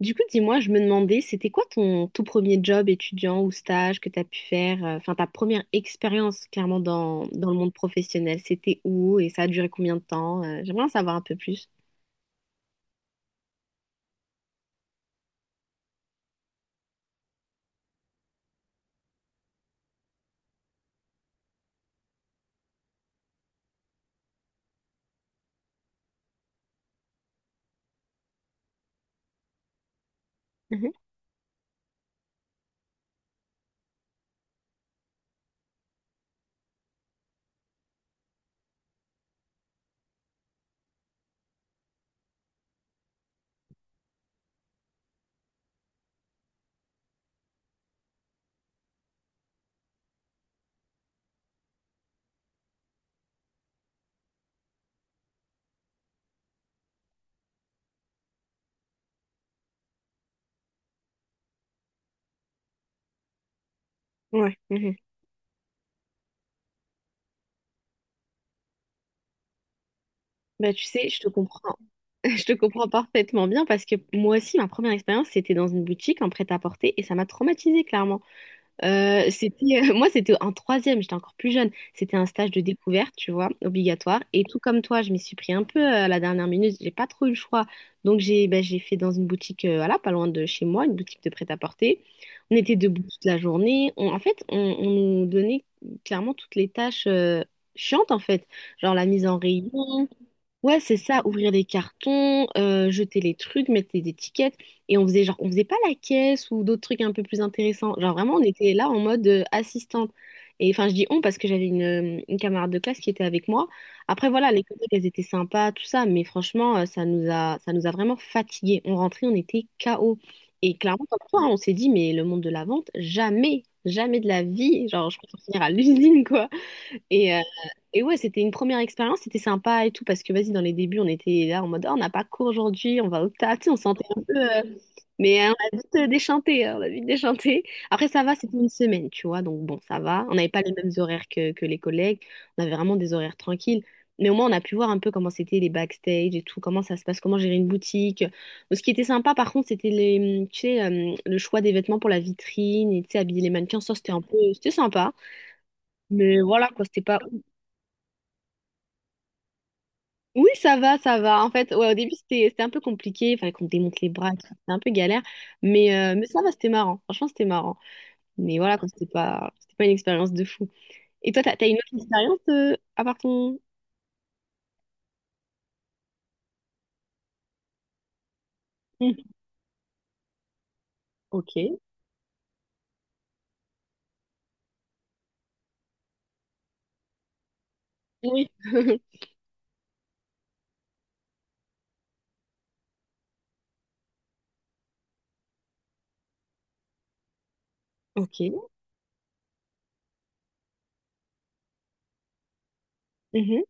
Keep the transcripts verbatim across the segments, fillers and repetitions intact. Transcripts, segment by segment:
Du coup, dis-moi, je me demandais, c'était quoi ton tout premier job étudiant ou stage que tu as pu faire, euh, enfin ta première expérience clairement dans, dans le monde professionnel, c'était où et ça a duré combien de temps? Euh, j'aimerais en savoir un peu plus. Mhm. Ouais. Mhm. Bah, tu sais, je te comprends. Je te comprends parfaitement bien parce que moi aussi, ma première expérience, c'était dans une boutique en prêt-à-porter et ça m'a traumatisée clairement. Euh, c'était, moi, c'était en troisième, j'étais encore plus jeune. C'était un stage de découverte, tu vois, obligatoire. Et tout comme toi, je m'y suis pris un peu euh, à la dernière minute. J'ai pas trop eu le choix. Donc, j'ai ben, j'ai fait dans une boutique, euh, voilà, pas loin de chez moi, une boutique de prêt-à-porter. On était debout toute la journée. On- en fait, on, on nous donnait clairement toutes les tâches euh, chiantes, en fait. Genre la mise en rayon. Ouais, c'est ça, ouvrir des cartons, euh, jeter les trucs, mettre les étiquettes. Et on faisait genre, on faisait pas la caisse ou d'autres trucs un peu plus intéressants. Genre vraiment, on était là en mode euh, assistante. Et enfin, je dis on parce que j'avais une, euh, une camarade de classe qui était avec moi. Après, voilà, les collègues, elles étaient sympas, tout ça. Mais franchement, euh, ça nous a, ça nous a vraiment fatigués. On rentrait, on était K O. Et clairement, comme toi, hein, on s'est dit, mais le monde de la vente, jamais, jamais de la vie. Genre, je préfère finir à l'usine, et, euh, et ouais, c'était une première expérience, c'était sympa et tout, parce que vas-y, dans les débuts, on était là en mode, oh, on n'a pas cours aujourd'hui, on va au taf, tu sais, on sentait un peu, euh, mais euh, on a vite euh, déchanté, hein, on a vite déchanté. Après, ça va, c'était une semaine, tu vois, donc bon, ça va. On n'avait pas les mêmes horaires que, que les collègues, on avait vraiment des horaires tranquilles. Mais au moins, on a pu voir un peu comment c'était les backstage et tout, comment ça se passe, comment gérer une boutique. Bon, ce qui était sympa, par contre, c'était les, hum, tu sais, euh, le choix des vêtements pour la vitrine et, tu sais, habiller les mannequins. Ça, c'était un peu, c'était sympa. Mais voilà, quoi, c'était pas. Oui, ça va, ça va. En fait, ouais, au début, c'était c'était un peu compliqué. Il fallait qu'on démonte les bras, et tout. C'était un peu galère. Mais, euh, mais ça va, c'était marrant. Franchement, c'était marrant. Mais voilà, quoi, c'était pas, c'était pas une expérience de fou. Et toi, t'as, t'as une autre expérience euh, à part ton... Mhm. Ok. Oui. Ok. Mhm.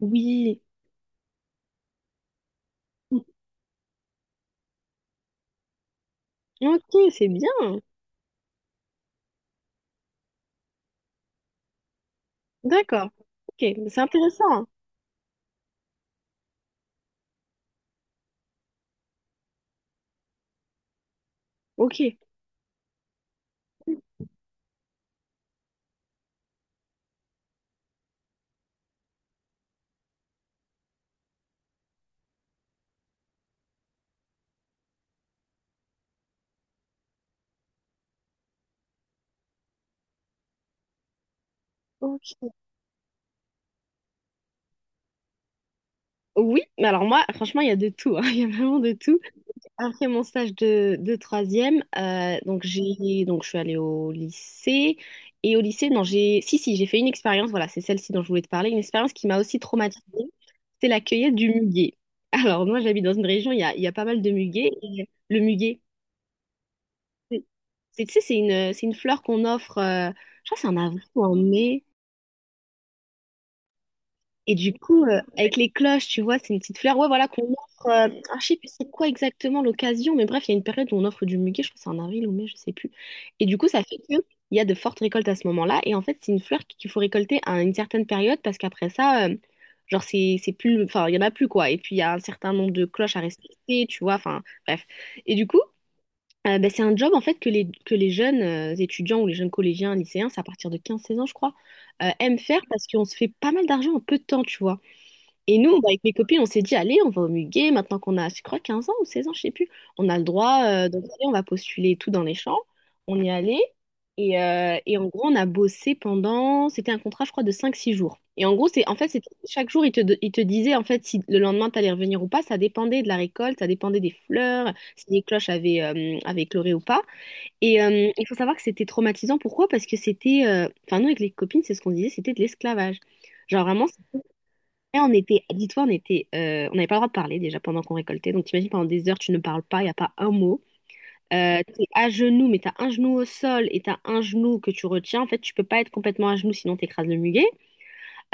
Oui. Ok, c'est bien. D'accord. Ok, c'est intéressant. Ok. Ok. Oui, mais alors moi, franchement, il y a de tout, hein. Il y a vraiment de tout. Après mon stage de, de troisième, euh, donc j'ai donc je suis allée au lycée. Et au lycée non, j'ai si si j'ai fait une expérience, voilà, c'est celle-ci dont je voulais te parler, une expérience qui m'a aussi traumatisée, c'est la cueillette du muguet. Alors moi j'habite dans une région il y a, il y a pas mal de muguets, et le muguet, c'est c'est- tu sais c'est une c'est une fleur qu'on offre, euh, je crois que c'est en avril ou en mai. Et du coup, euh, avec les cloches, tu vois, c'est une petite fleur, ouais, voilà, qu'on offre. Euh, ah, je sais plus c'est quoi exactement l'occasion, mais bref, il y a une période où on offre du muguet, je crois que c'est en avril ou mai, je sais plus. Et du coup, ça fait que il y a de fortes récoltes à ce moment-là. Et en fait, c'est une fleur qu'il faut récolter à une certaine période parce qu'après ça, euh, genre, c'est c'est plus. Enfin, il y en a plus, quoi. Et puis, il y a un certain nombre de cloches à respecter, tu vois, enfin, bref. Et du coup, euh, ben, c'est un job, en fait, que les, que les jeunes euh, étudiants ou les jeunes collégiens, lycéens, c'est à partir de quinze seize ans, je crois, euh, aiment faire parce qu'on se fait pas mal d'argent en peu de temps, tu vois. Et nous, bah, avec mes copines, on s'est dit, allez, on va au Muguet, maintenant qu'on a, je crois, quinze ans ou seize ans, je sais plus. On a le droit, euh, donc allez, on va postuler et tout dans les champs. On y allait. Et, euh, et en gros, on a bossé pendant, c'était un contrat, je crois, de cinq six jours. Et en gros, c'est, en fait, c'était, chaque jour, ils te, il te disaient, en fait, si le lendemain, t'allais revenir ou pas, ça dépendait de la récolte, ça dépendait des fleurs, si les cloches avaient, euh, avaient écloré ou pas. Et euh, il faut savoir que c'était traumatisant. Pourquoi? Parce que c'était, euh, enfin, nous, avec les copines, c'est ce qu'on disait, c'était de l'esclavage. Genre, vraiment, et on était, dis-toi, on était, euh, on n'avait pas le droit de parler déjà pendant qu'on récoltait. Donc t'imagines, pendant des heures, tu ne parles pas, il n'y a pas un mot. Euh, t'es à genoux, mais t'as un genou au sol et t'as un genou que tu retiens. En fait, tu peux pas être complètement à genoux, sinon t'écrases le muguet.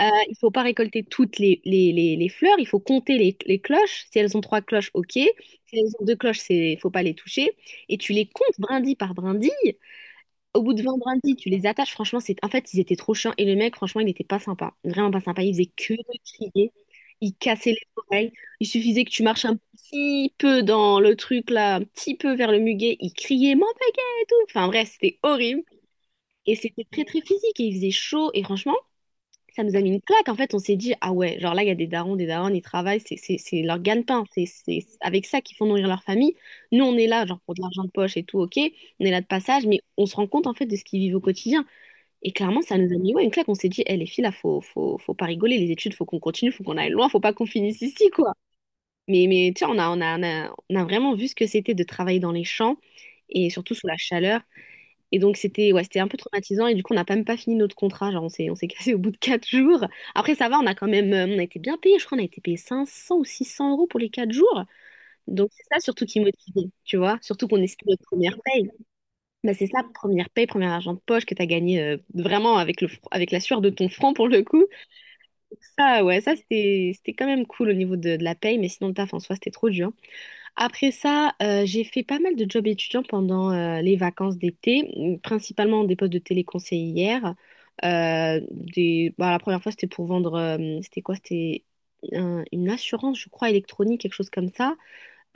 Euh, il faut pas récolter toutes les, les, les, les fleurs. Il faut compter les, les cloches. Si elles ont trois cloches, ok. Si elles ont deux cloches, c'est, faut pas les toucher. Et tu les comptes brindille par brindille. Au bout de vendredi, tu les attaches. Franchement, c'est, en fait, ils étaient trop chiants. Et le mec, franchement, il n'était pas sympa. Vraiment pas sympa. Il faisait que de crier. Il cassait les oreilles. Il suffisait que tu marches un petit peu dans le truc là, un petit peu vers le muguet. Il criait mon muguet et tout. Enfin bref, c'était horrible. Et c'était très très physique. Et il faisait chaud. Et franchement, ça nous a mis une claque. En fait, on s'est dit, ah ouais, genre là, il y a des darons, des darons, ils travaillent, c'est c'est- c'est leur gagne-pain, c'est c'est avec ça qu'ils font nourrir leur famille. Nous, on est là, genre pour de l'argent de poche et tout, ok, on est là de passage, mais on se rend compte en fait de ce qu'ils vivent au quotidien. Et clairement, ça nous a mis, ouais, une claque. On s'est dit, eh, les filles, là, faut, faut, faut pas rigoler, les études, faut qu'on continue, faut qu'on aille loin, faut pas qu'on finisse ici, quoi. Mais, mais tu sais, on a, on a, on a, on a vraiment vu ce que c'était de travailler dans les champs et surtout sous la chaleur. Et donc c'était, ouais, c'était un peu traumatisant et du coup on n'a même pas fini notre contrat, genre on s'est on s'est cassé au bout de quatre jours. Après ça va, on a quand même euh, on a été bien payé, je crois on a été payé cinq cents ou six cents euros pour les quatre jours. Donc c'est ça surtout qui motivait, tu vois, surtout qu'on espère notre première paye. Bah c'est ça, première paye, premier argent de poche que t'as gagné, euh, vraiment avec le fr- avec la sueur de ton front pour le coup. Ça ouais, ça c'était c'était quand même cool au niveau de, de la paye, mais sinon le taf en soi c'était trop dur. Après ça, euh, j'ai fait pas mal de jobs étudiants pendant euh, les vacances d'été, principalement des postes de téléconseillère. Euh, des... bah, la première fois, c'était pour vendre, euh, c'était quoi? C'était un- une assurance, je crois, électronique, quelque chose comme ça.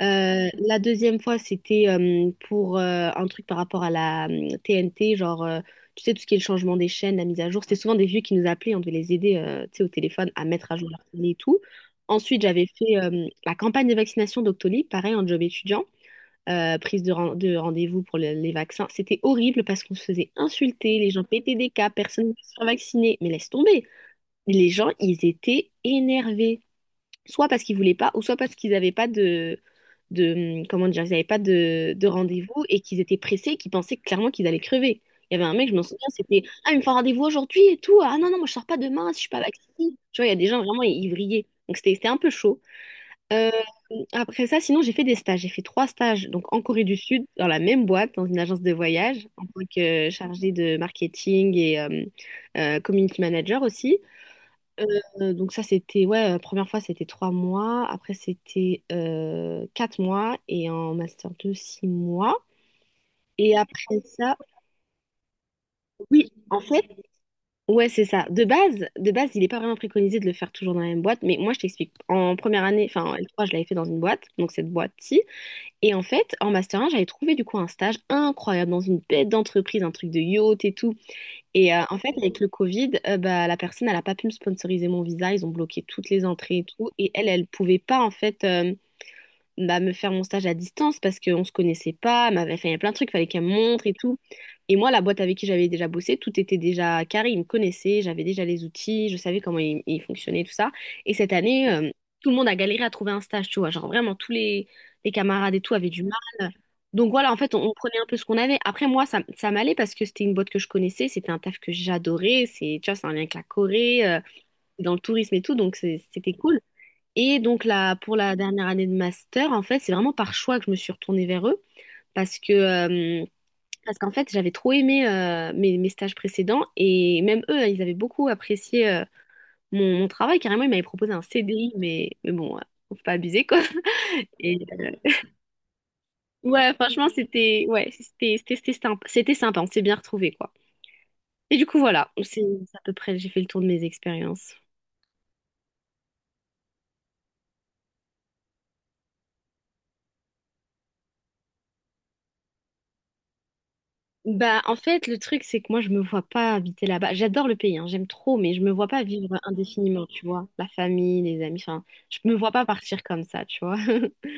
Euh, la deuxième fois, c'était euh, pour euh, un truc par rapport à la euh, T N T, genre, euh, tu sais, tout ce qui est le changement des chaînes, la mise à jour. C'était souvent des vieux qui nous appelaient, on devait les aider, euh, tu sais, au téléphone à mettre à jour leur télé et tout. Ensuite, j'avais fait euh, la campagne de vaccination d'Octolib, pareil, en job étudiant, euh, prise de, ren- de rendez-vous pour le- les vaccins. C'était horrible parce qu'on se faisait insulter, les gens pétaient des cas, personne ne voulait se faire vacciner. Mais laisse tomber, les gens, ils étaient énervés soit parce qu'ils voulaient pas, ou soit parce qu'ils n'avaient pas de, de, comment dire, ils n'avaient pas de, de rendez-vous et qu'ils étaient pressés, qu'ils pensaient clairement qu'ils allaient crever. Il y avait un mec, je m'en souviens, c'était Ah, il me faut un rendez-vous aujourd'hui et tout. Ah non, non, moi je sors pas demain si je suis pas vaccinée. Tu vois, il y a des gens vraiment, ils, ils vrillaient. Donc c'était c'était un peu chaud. Euh, après ça, sinon, j'ai fait des stages. J'ai fait trois stages, donc en Corée du Sud, dans la même boîte, dans une agence de voyage, en tant que chargée de marketing et euh, euh, community manager aussi. Euh, donc ça, c'était, ouais, euh, première fois, c'était trois mois. Après, c'était euh, quatre mois. Et en master deux six mois. Et après ça, oui, en fait, ouais, c'est ça. De base, de base, il n'est pas vraiment préconisé de le faire toujours dans la même boîte. Mais moi, je t'explique. En première année, enfin, en L trois, je l'avais fait dans une boîte, donc cette boîte-ci. Et en fait, en master un j'avais trouvé du coup un stage incroyable dans une bête d'entreprise, un truc de yacht et tout. Et euh, en fait, avec le Covid, euh, bah, la personne, elle n'a pas pu me sponsoriser mon visa. Ils ont bloqué toutes les entrées et tout. Et elle, elle pouvait pas, en fait, euh, bah, me faire mon stage à distance parce qu'on se connaissait pas, elle m'avait fait il y a plein de trucs, fallait qu'elle me montre et tout. Et moi, la boîte avec qui j'avais déjà bossé, tout était déjà carré, ils me connaissaient, j'avais déjà les outils, je savais comment ils, ils fonctionnaient, tout ça. Et cette année, euh, tout le monde a galéré à trouver un stage, tu vois, genre vraiment tous les, les camarades et tout avaient du mal. Donc voilà, en fait, on, on prenait un peu ce qu'on avait. Après, moi, ça, ça m'allait parce que c'était une boîte que je connaissais, c'était un taf que j'adorais, c'est, tu vois, c'est un lien avec la Corée, euh, dans le tourisme et tout, donc c'est- c'était cool. Et donc là, pour la dernière année de master, en fait, c'est vraiment par choix que je me suis retournée vers eux parce que euh, parce qu'en fait, j'avais trop aimé euh, mes, mes stages précédents et même eux, ils avaient beaucoup apprécié euh, mon, mon travail. Carrément, ils m'avaient proposé un C D I, mais, mais bon, euh, faut pas abuser quoi. Et ouais, franchement, c'était ouais, c'était c'était c'était sympa, c'était sympa, on s'est bien retrouvés quoi. Et du coup, voilà, c'est c'est à peu près, j'ai fait le tour de mes expériences. Bah, en fait, le truc, c'est que moi, je me vois pas habiter là-bas. J'adore le pays, hein, j'aime trop, mais je me vois pas vivre indéfiniment, tu vois. La famille, les amis, enfin, je me vois pas partir comme ça, tu vois.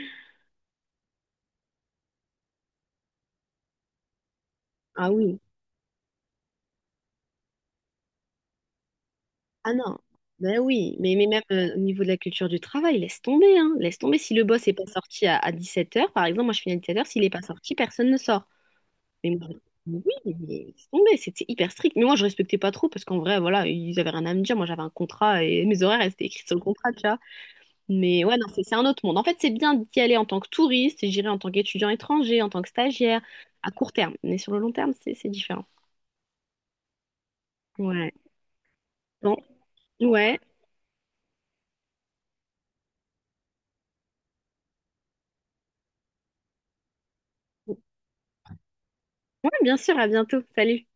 Ah oui. Ah non. Ben oui, mais, mais même euh, au niveau de la culture du travail, laisse tomber, hein. Laisse tomber. Si le boss est pas sorti à, à dix-sept heures, par exemple, moi, je finis à dix-sept heures, s'il est pas sorti, personne ne sort. Mais moi, oui, mais laisse tomber, c'était hyper strict. Mais moi, je respectais pas trop parce qu'en vrai, voilà, ils avaient rien à me dire. Moi, j'avais un contrat et mes horaires elles étaient écrits sur le contrat, tu vois. Mais ouais, non, c'est c'est un autre monde. En fait, c'est bien d'y aller en tant que touriste, et j'irai en tant qu'étudiant étranger, en tant que stagiaire, à court terme. Mais sur le long terme, c'est c'est différent. Ouais. Bon, ouais. Ouais, bien sûr, à bientôt. Salut.